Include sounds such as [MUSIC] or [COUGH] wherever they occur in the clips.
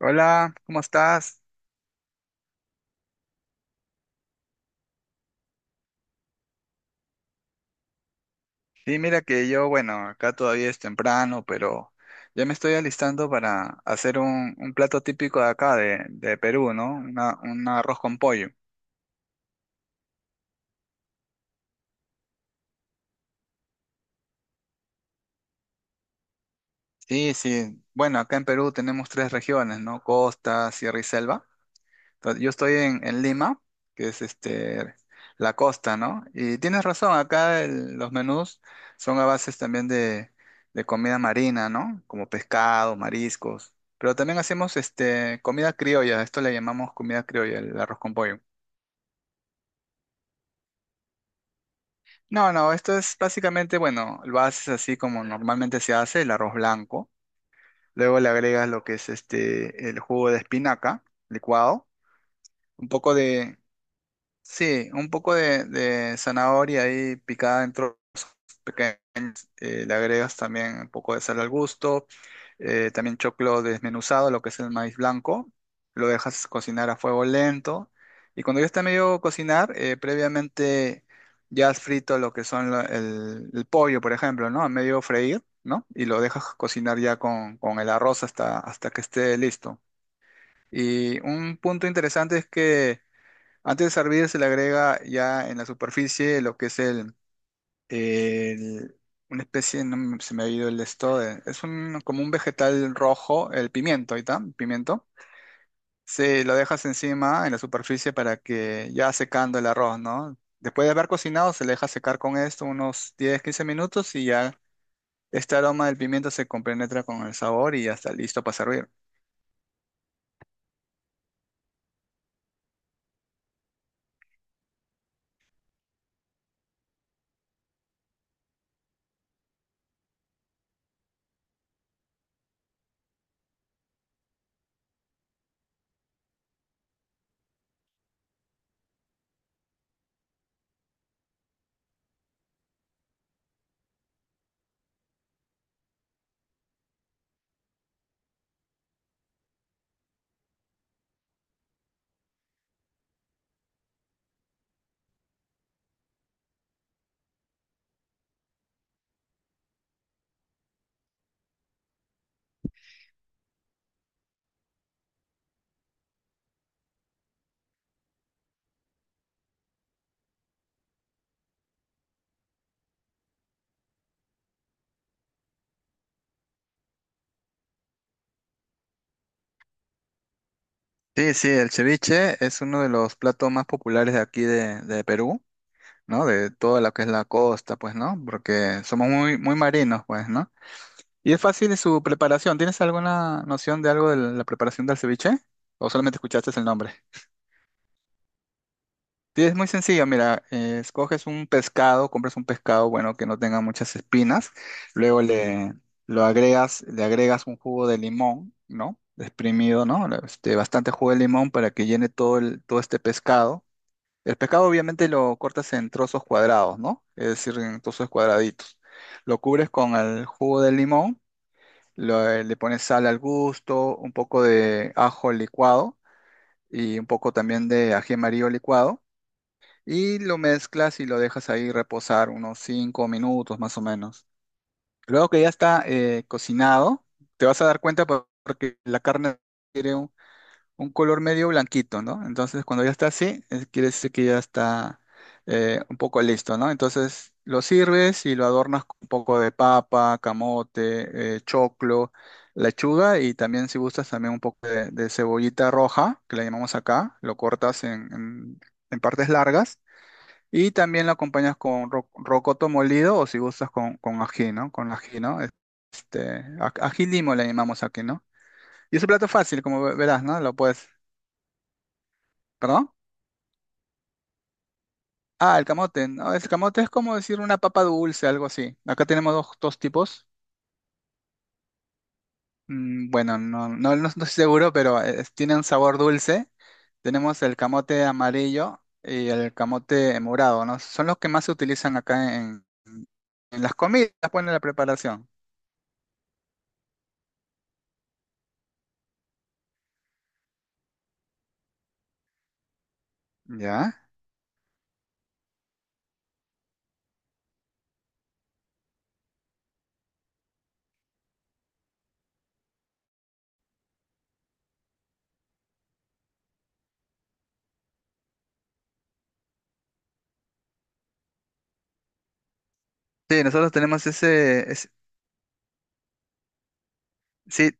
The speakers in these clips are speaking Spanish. Hola, ¿cómo estás? Sí, mira que yo, bueno, acá todavía es temprano, pero ya me estoy alistando para hacer un plato típico de acá, de Perú, ¿no? Un arroz con pollo. Sí, sí. Bueno, acá en Perú tenemos tres regiones, ¿no? Costa, Sierra y Selva. Entonces, yo estoy en Lima, que es este, la costa, ¿no? Y tienes razón, acá los menús son a bases también de comida marina, ¿no? Como pescado, mariscos. Pero también hacemos este, comida criolla, esto le llamamos comida criolla, el arroz con pollo. No, no, esto es básicamente, bueno, lo haces así como normalmente se hace, el arroz blanco. Luego le agregas lo que es este, el jugo de espinaca licuado, un poco de, sí, un poco de zanahoria ahí picada en trozos pequeños. Le agregas también un poco de sal al gusto. También choclo desmenuzado, lo que es el maíz blanco. Lo dejas cocinar a fuego lento. Y cuando ya está medio cocinar, previamente ya has frito lo que son el pollo, por ejemplo, ¿no? A medio freír, ¿no? Y lo dejas cocinar ya con el arroz hasta que esté listo. Y un punto interesante es que antes de servir se le agrega ya en la superficie lo que es el- una especie, no me- se me ha ido el esto, es como un vegetal rojo, el pimiento, ahí está, pimiento. Se lo dejas encima en la superficie para que ya secando el arroz, ¿no? Después de haber cocinado se le deja secar con esto unos 10 15 minutos y ya este aroma del pimiento se compenetra con el sabor y ya está listo para servir. Sí, sí, el ceviche es uno de los platos más populares de aquí de Perú. ¿No? De toda lo que es la costa, pues, ¿no? Porque somos muy, muy marinos, pues, ¿no? Y es fácil su preparación. ¿Tienes alguna noción de algo de la preparación del ceviche? ¿O solamente escuchaste el nombre? Sí, es muy sencillo, mira, escoges un pescado, compras un pescado, bueno, que no tenga muchas espinas, luego le agregas un jugo de limón, ¿no? Exprimido, ¿no? Este, bastante jugo de limón para que llene todo este pescado. El pescado obviamente lo cortas en trozos cuadrados, ¿no? Es decir, en trozos cuadraditos. Lo cubres con el jugo de limón, le pones sal al gusto, un poco de ajo licuado y un poco también de ají amarillo licuado. Y lo mezclas y lo dejas ahí reposar unos 5 minutos más o menos. Luego que ya está cocinado, te vas a dar cuenta porque la carne un color medio blanquito, ¿no? Entonces, cuando ya está así, quiere decir que ya está un poco listo, ¿no? Entonces, lo sirves y lo adornas con un poco de papa, camote, choclo, lechuga y también, si gustas, también un poco de cebollita roja, que la llamamos acá, lo cortas en partes largas. Y también lo acompañas con rocoto molido o si gustas con ají, ¿no? Con ají, ¿no? Este, ají limo le llamamos aquí, ¿no? Y es un plato fácil, como verás, ¿no? Lo puedes. ¿Perdón? Ah, el camote. No, el camote es como decir una papa dulce, algo así. Acá tenemos dos tipos. Mm, bueno, no, no, no estoy seguro, pero tienen sabor dulce. Tenemos el camote amarillo y el camote morado, ¿no? Son los que más se utilizan acá en las comidas, pues en la preparación. ¿Ya? Sí, nosotros tenemos ese. Sí,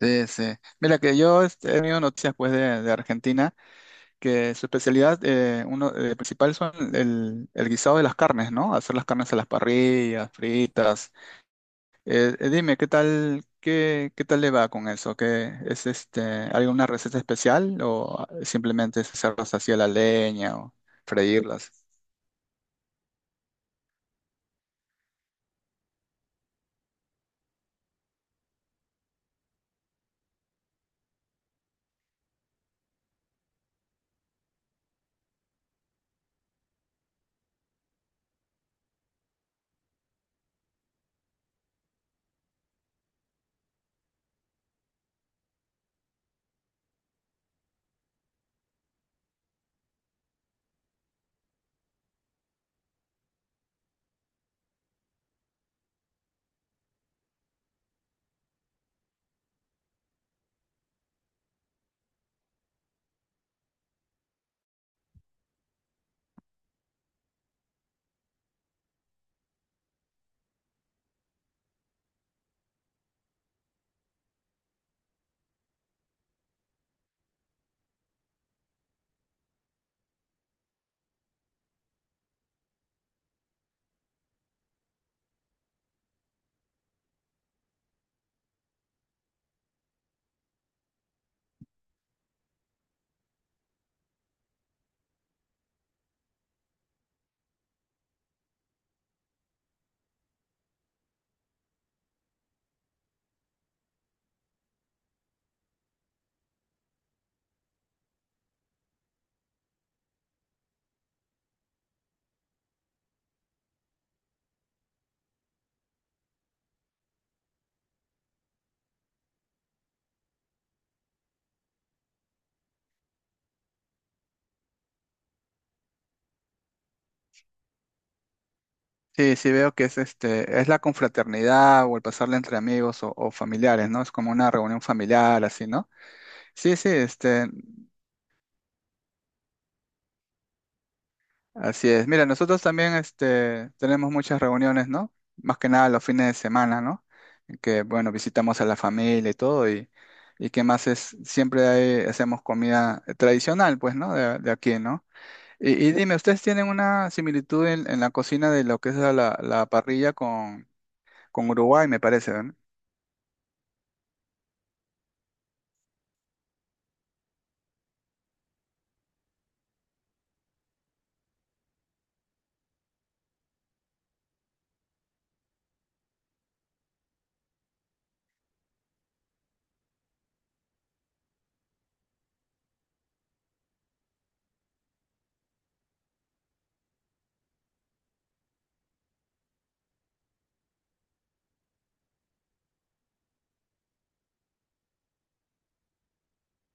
sí, sí. Mira que yo este, he tenido noticias pues de Argentina. Que su especialidad uno, principal son el guisado de las carnes, ¿no? Hacer las carnes a las parrillas, fritas. Dime, ¿qué, tal, qué tal le va con eso? ¿Qué es este, alguna receta especial o simplemente es hacerlas así a la leña o freírlas? Sí, sí veo que es la confraternidad o el pasarla entre amigos o familiares, ¿no? Es como una reunión familiar, así, ¿no? Sí, sí. Este, así es. Mira, nosotros también este, tenemos muchas reuniones, ¿no? Más que nada los fines de semana, ¿no? En que, bueno, visitamos a la familia y todo, y qué más es, siempre hacemos comida tradicional, pues, ¿no? De aquí, ¿no? Y dime, ¿ustedes tienen una similitud en la cocina de lo que es la parrilla con Uruguay, me parece, ¿verdad?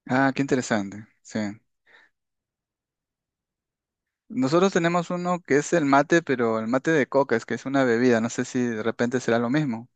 Ah, qué interesante, sí. Nosotros tenemos uno que es el mate, pero el mate de coca, es que es una bebida, no sé si de repente será lo mismo.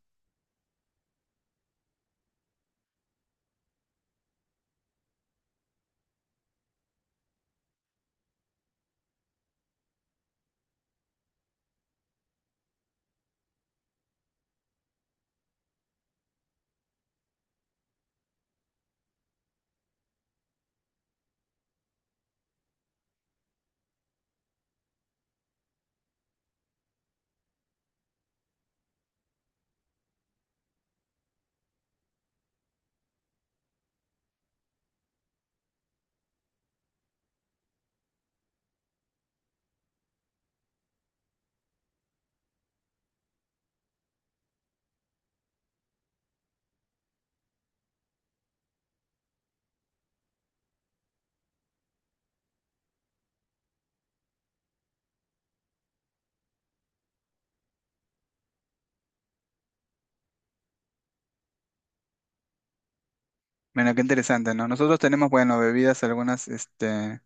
Bueno, qué interesante, ¿no? Nosotros tenemos, bueno, bebidas algunas, este,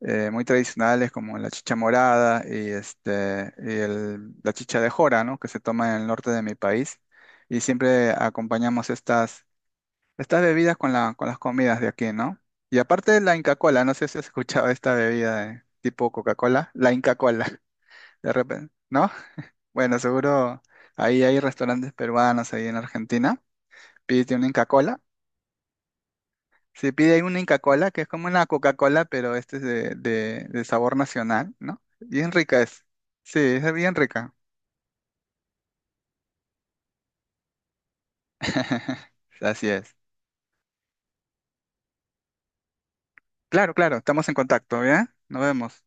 muy tradicionales como la chicha morada y la chicha de jora, ¿no? Que se toma en el norte de mi país. Y siempre acompañamos estas bebidas con las comidas de aquí, ¿no? Y aparte la Inca Cola, no sé si has escuchado esta bebida de tipo Coca-Cola, la Inca Cola, [LAUGHS] de repente, ¿no? Bueno, seguro ahí hay restaurantes peruanos ahí en Argentina. Pídete una Inca Cola. Se pide ahí una Inca Cola que es como una Coca-Cola, pero este es de sabor nacional, ¿no? Bien rica es. Sí, es bien rica. [LAUGHS] Así es. Claro, claro, estamos en contacto, ¿ya? Nos vemos.